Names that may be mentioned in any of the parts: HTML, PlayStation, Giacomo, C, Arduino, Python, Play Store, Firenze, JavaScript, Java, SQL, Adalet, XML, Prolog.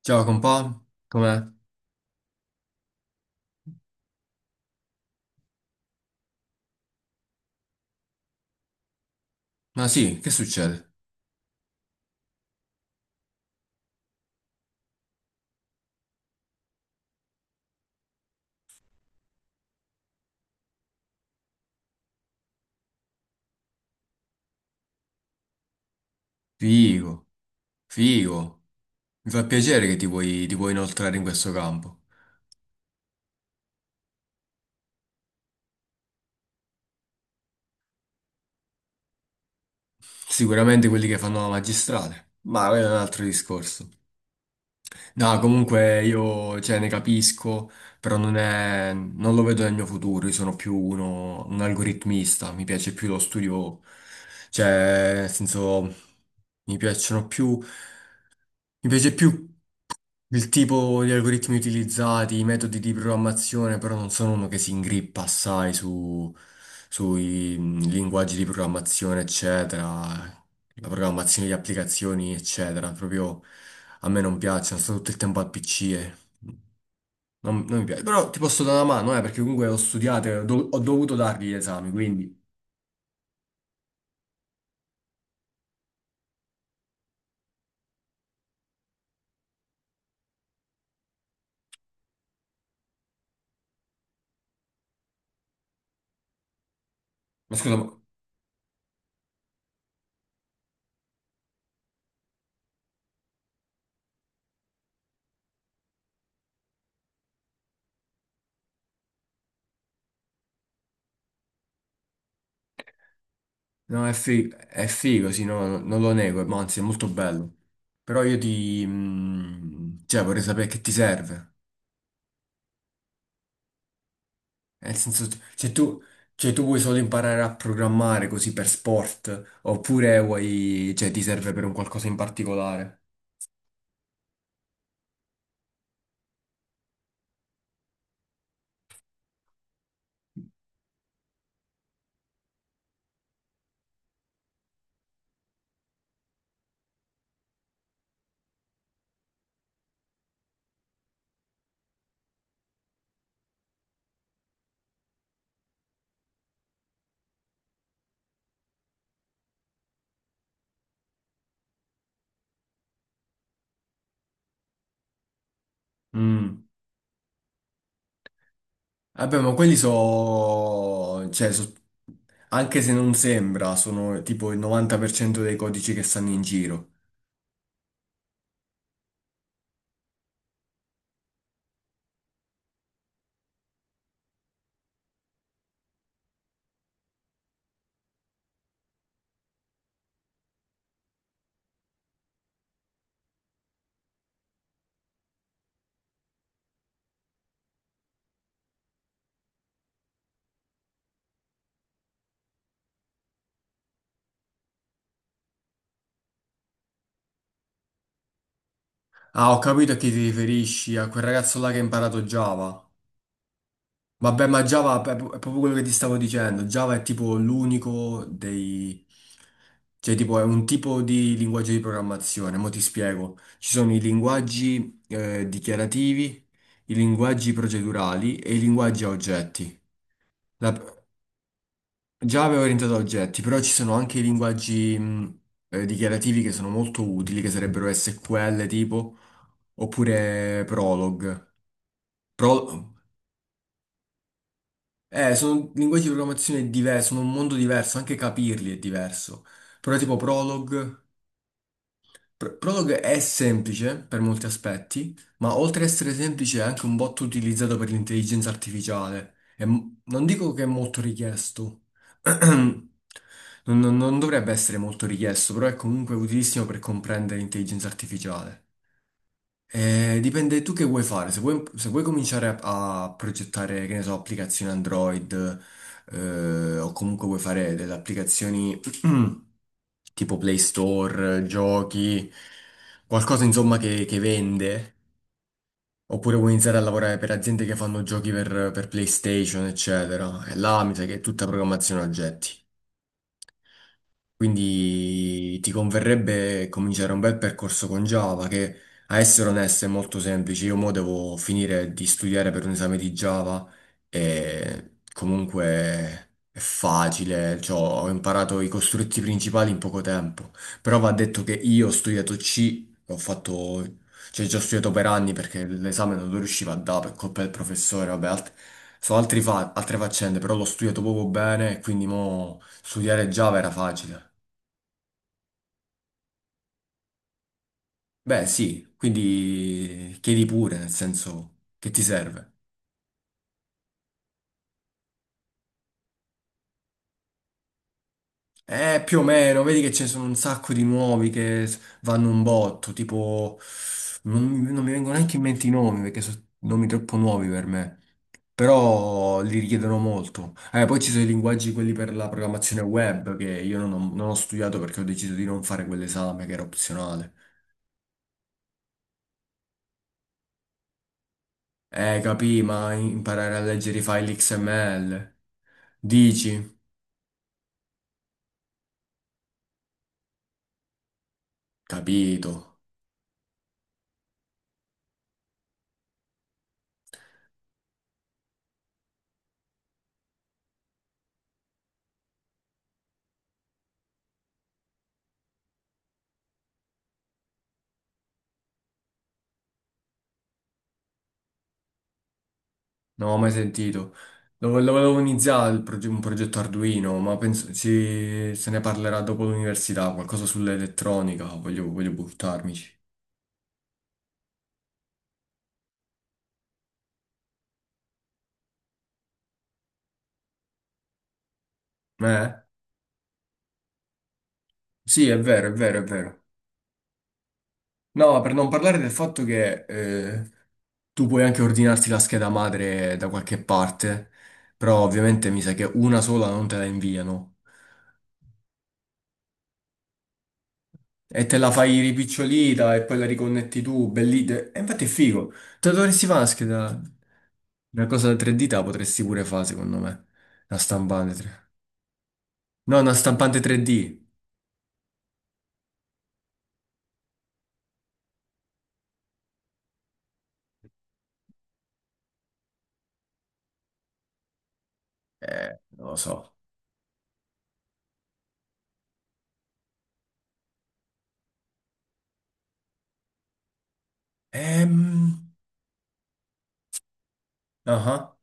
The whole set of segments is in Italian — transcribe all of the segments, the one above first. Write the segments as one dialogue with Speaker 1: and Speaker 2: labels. Speaker 1: Ciao compà, com'è? Ma sì, che succede? Figo, figo. Mi fa piacere che ti vuoi inoltrare in questo campo. Sicuramente quelli che fanno la magistrale, ma quello è un altro discorso. No, comunque io, cioè, ne capisco, però non lo vedo nel mio futuro, io sono più un algoritmista, mi piace più lo studio, cioè, nel senso, mi piacciono più... Mi piace più il tipo di algoritmi utilizzati, i metodi di programmazione, però non sono uno che si ingrippa assai su, sui linguaggi di programmazione, eccetera, la programmazione di applicazioni, eccetera. Proprio a me non piacciono, sto tutto il tempo al PC e non, non mi piace. Però ti posso dare una mano, perché comunque ho studiato, e ho dovuto dargli gli esami, quindi... Ma scusa, ma no, è figo, sì, non lo nego, ma anzi è molto bello. Però io ti... cioè, vorrei sapere che ti serve. Nel senso, se tu, cioè, tu vuoi solo imparare a programmare così per sport, oppure vuoi... cioè, ti serve per un qualcosa in particolare. Mm. Vabbè, ma quelli sono... cioè, anche se non sembra, sono tipo il 90% dei codici che stanno in giro. Ah, ho capito a chi ti riferisci, a quel ragazzo là che ha imparato Java. Vabbè, ma è proprio quello che ti stavo dicendo. Java è tipo l'unico dei... Cioè, tipo, è un tipo di linguaggio di programmazione. Mo' ti spiego. Ci sono i linguaggi dichiarativi, i linguaggi procedurali e i linguaggi a oggetti. La- Java è orientato a oggetti, però ci sono anche i linguaggi dichiarativi che sono molto utili, che sarebbero SQL tipo, oppure Prolog. Sono linguaggi di programmazione diversi, sono un mondo diverso, anche capirli è diverso. Però tipo Prolog, Prolog è semplice per molti aspetti, ma oltre ad essere semplice è anche un bot utilizzato per l'intelligenza artificiale. E non dico che è molto richiesto, non, non dovrebbe essere molto richiesto, però è comunque utilissimo per comprendere l'intelligenza artificiale. Dipende tu che vuoi fare. Se vuoi cominciare a progettare, che ne so, applicazioni Android, o comunque vuoi fare delle applicazioni tipo Play Store, giochi, qualcosa insomma che vende, oppure vuoi iniziare a lavorare per aziende che fanno giochi per PlayStation, eccetera. E là mi sa che è tutta programmazione oggetti. Quindi ti converrebbe cominciare un bel percorso con Java che, a essere onesto, è molto semplice. Io mo devo finire di studiare per un esame di Java e comunque è facile, cioè, ho imparato i costrutti principali in poco tempo. Però va detto che io ho studiato C, ho fatto, cioè già ho studiato per anni perché l'esame non lo riuscivo a dare per colpa del professore, vabbè, sono altre faccende, però l'ho studiato poco bene e quindi mo studiare Java era facile. Beh, sì, quindi chiedi pure, nel senso che ti serve. Più o meno, vedi che ce ne sono un sacco di nuovi che vanno un botto, tipo... non mi vengono neanche in mente i nomi, perché sono nomi troppo nuovi per me, però li richiedono molto. Poi ci sono i linguaggi, quelli per la programmazione web, che io non ho studiato perché ho deciso di non fare quell'esame, che era opzionale. Capì, ma imparare a leggere i file XML. Dici? Capito. Non ho mai sentito. Lo volevo iniziare un progetto Arduino, ma penso se ne parlerà dopo l'università, qualcosa sull'elettronica, voglio buttarmici. Eh? Sì, è vero, è vero, è vero. No, per non parlare del fatto che tu puoi anche ordinarti la scheda madre da qualche parte, però ovviamente mi sa che una sola non te la inviano. E te la fai ripicciolita e poi la riconnetti tu, bellite. E infatti è figo. Te la dovresti fare una scheda. Una cosa da 3D te la potresti pure fare, secondo me. Una stampante 3D. No, una stampante 3D. Non lo so. Ehm... ah ah.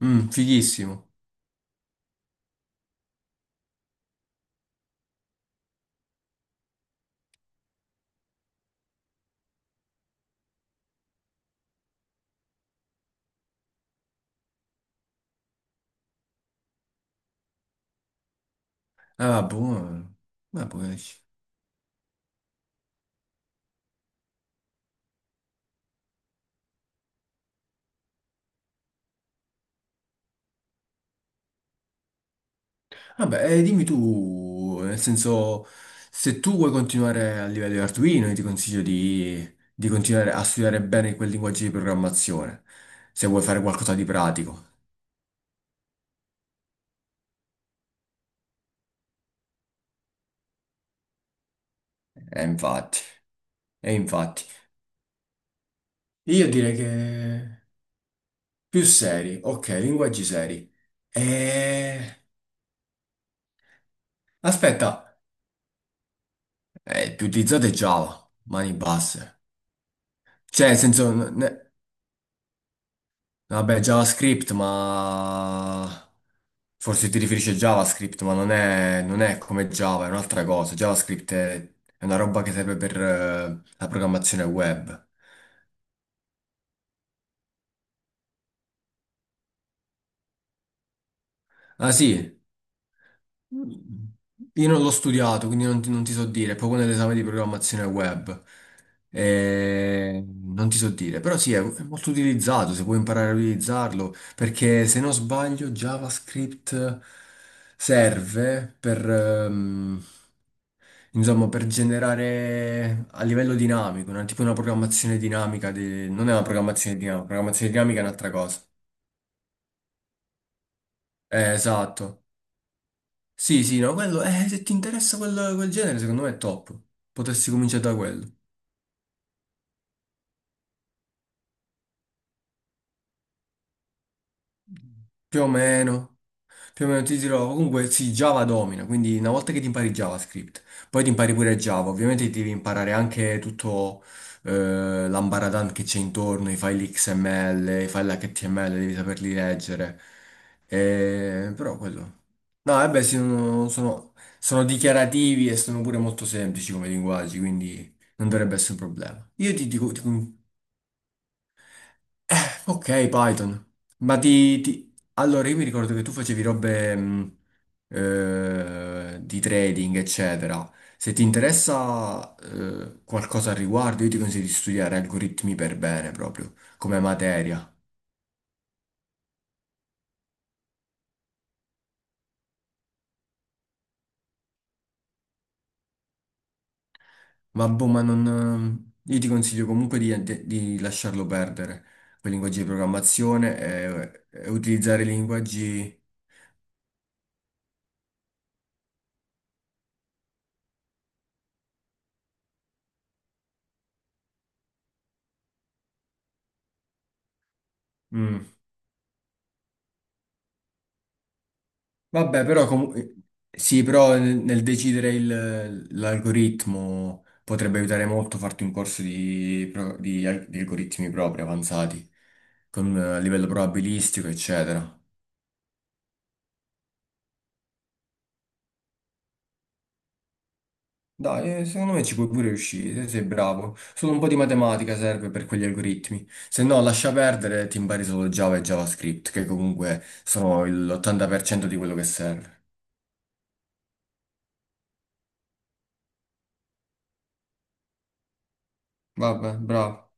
Speaker 1: Mm, fighissimo. Ah, buono. Ma buono. Vabbè, dimmi tu, nel senso, se tu vuoi continuare a livello di Arduino, io ti consiglio di continuare a studiare bene quel linguaggio di programmazione, se vuoi fare qualcosa di pratico. E infatti, e infatti. Io direi che più seri, ok, linguaggi seri. E... Aspetta, più utilizzate Java, mani basse. Cioè, nel senso, vabbè, JavaScript, ma forse ti riferisci a JavaScript, ma non è come Java, è un'altra cosa. È una roba che serve per la programmazione web. Ah sì, io non l'ho studiato, quindi non ti so dire, è proprio nell'esame di programmazione web. Non ti so dire, però sì, è molto utilizzato, se puoi imparare a utilizzarlo, perché se non sbaglio JavaScript serve per... insomma, per generare a livello dinamico, una, tipo una programmazione dinamica, non è una programmazione dinamica è un'altra cosa. Esatto. Sì, sì, no, quello, se ti interessa quel genere, secondo me è top. Potresti cominciare da quello. Più o meno. Più o meno ti dirò, comunque sì, Java domina, quindi una volta che ti impari JavaScript, poi ti impari pure Java, ovviamente ti devi imparare anche tutto eh, l'ambaradan che c'è intorno, i file XML, i file HTML, devi saperli leggere. Però quello... No, eh beh, sì, sono dichiarativi e sono pure molto semplici come linguaggi, quindi non dovrebbe essere un problema. Io ti dico, ti ok, Python. Allora, io mi ricordo che tu facevi robe di trading, eccetera. Se ti interessa qualcosa al riguardo, io ti consiglio di studiare algoritmi per bene, proprio, come materia. Ma boh, ma non... io ti consiglio comunque di lasciarlo perdere, quei linguaggi di programmazione e utilizzare i linguaggi... mm, vabbè, però comunque sì, però nel decidere l'algoritmo potrebbe aiutare molto farti un corso di algoritmi propri avanzati, con, a livello probabilistico, eccetera. Dai, secondo me ci puoi pure riuscire, se sei bravo. Solo un po' di matematica serve per quegli algoritmi. Se no, lascia perdere, ti impari solo Java e JavaScript, che comunque sono l'80% di quello che serve. Vabbè, bravo.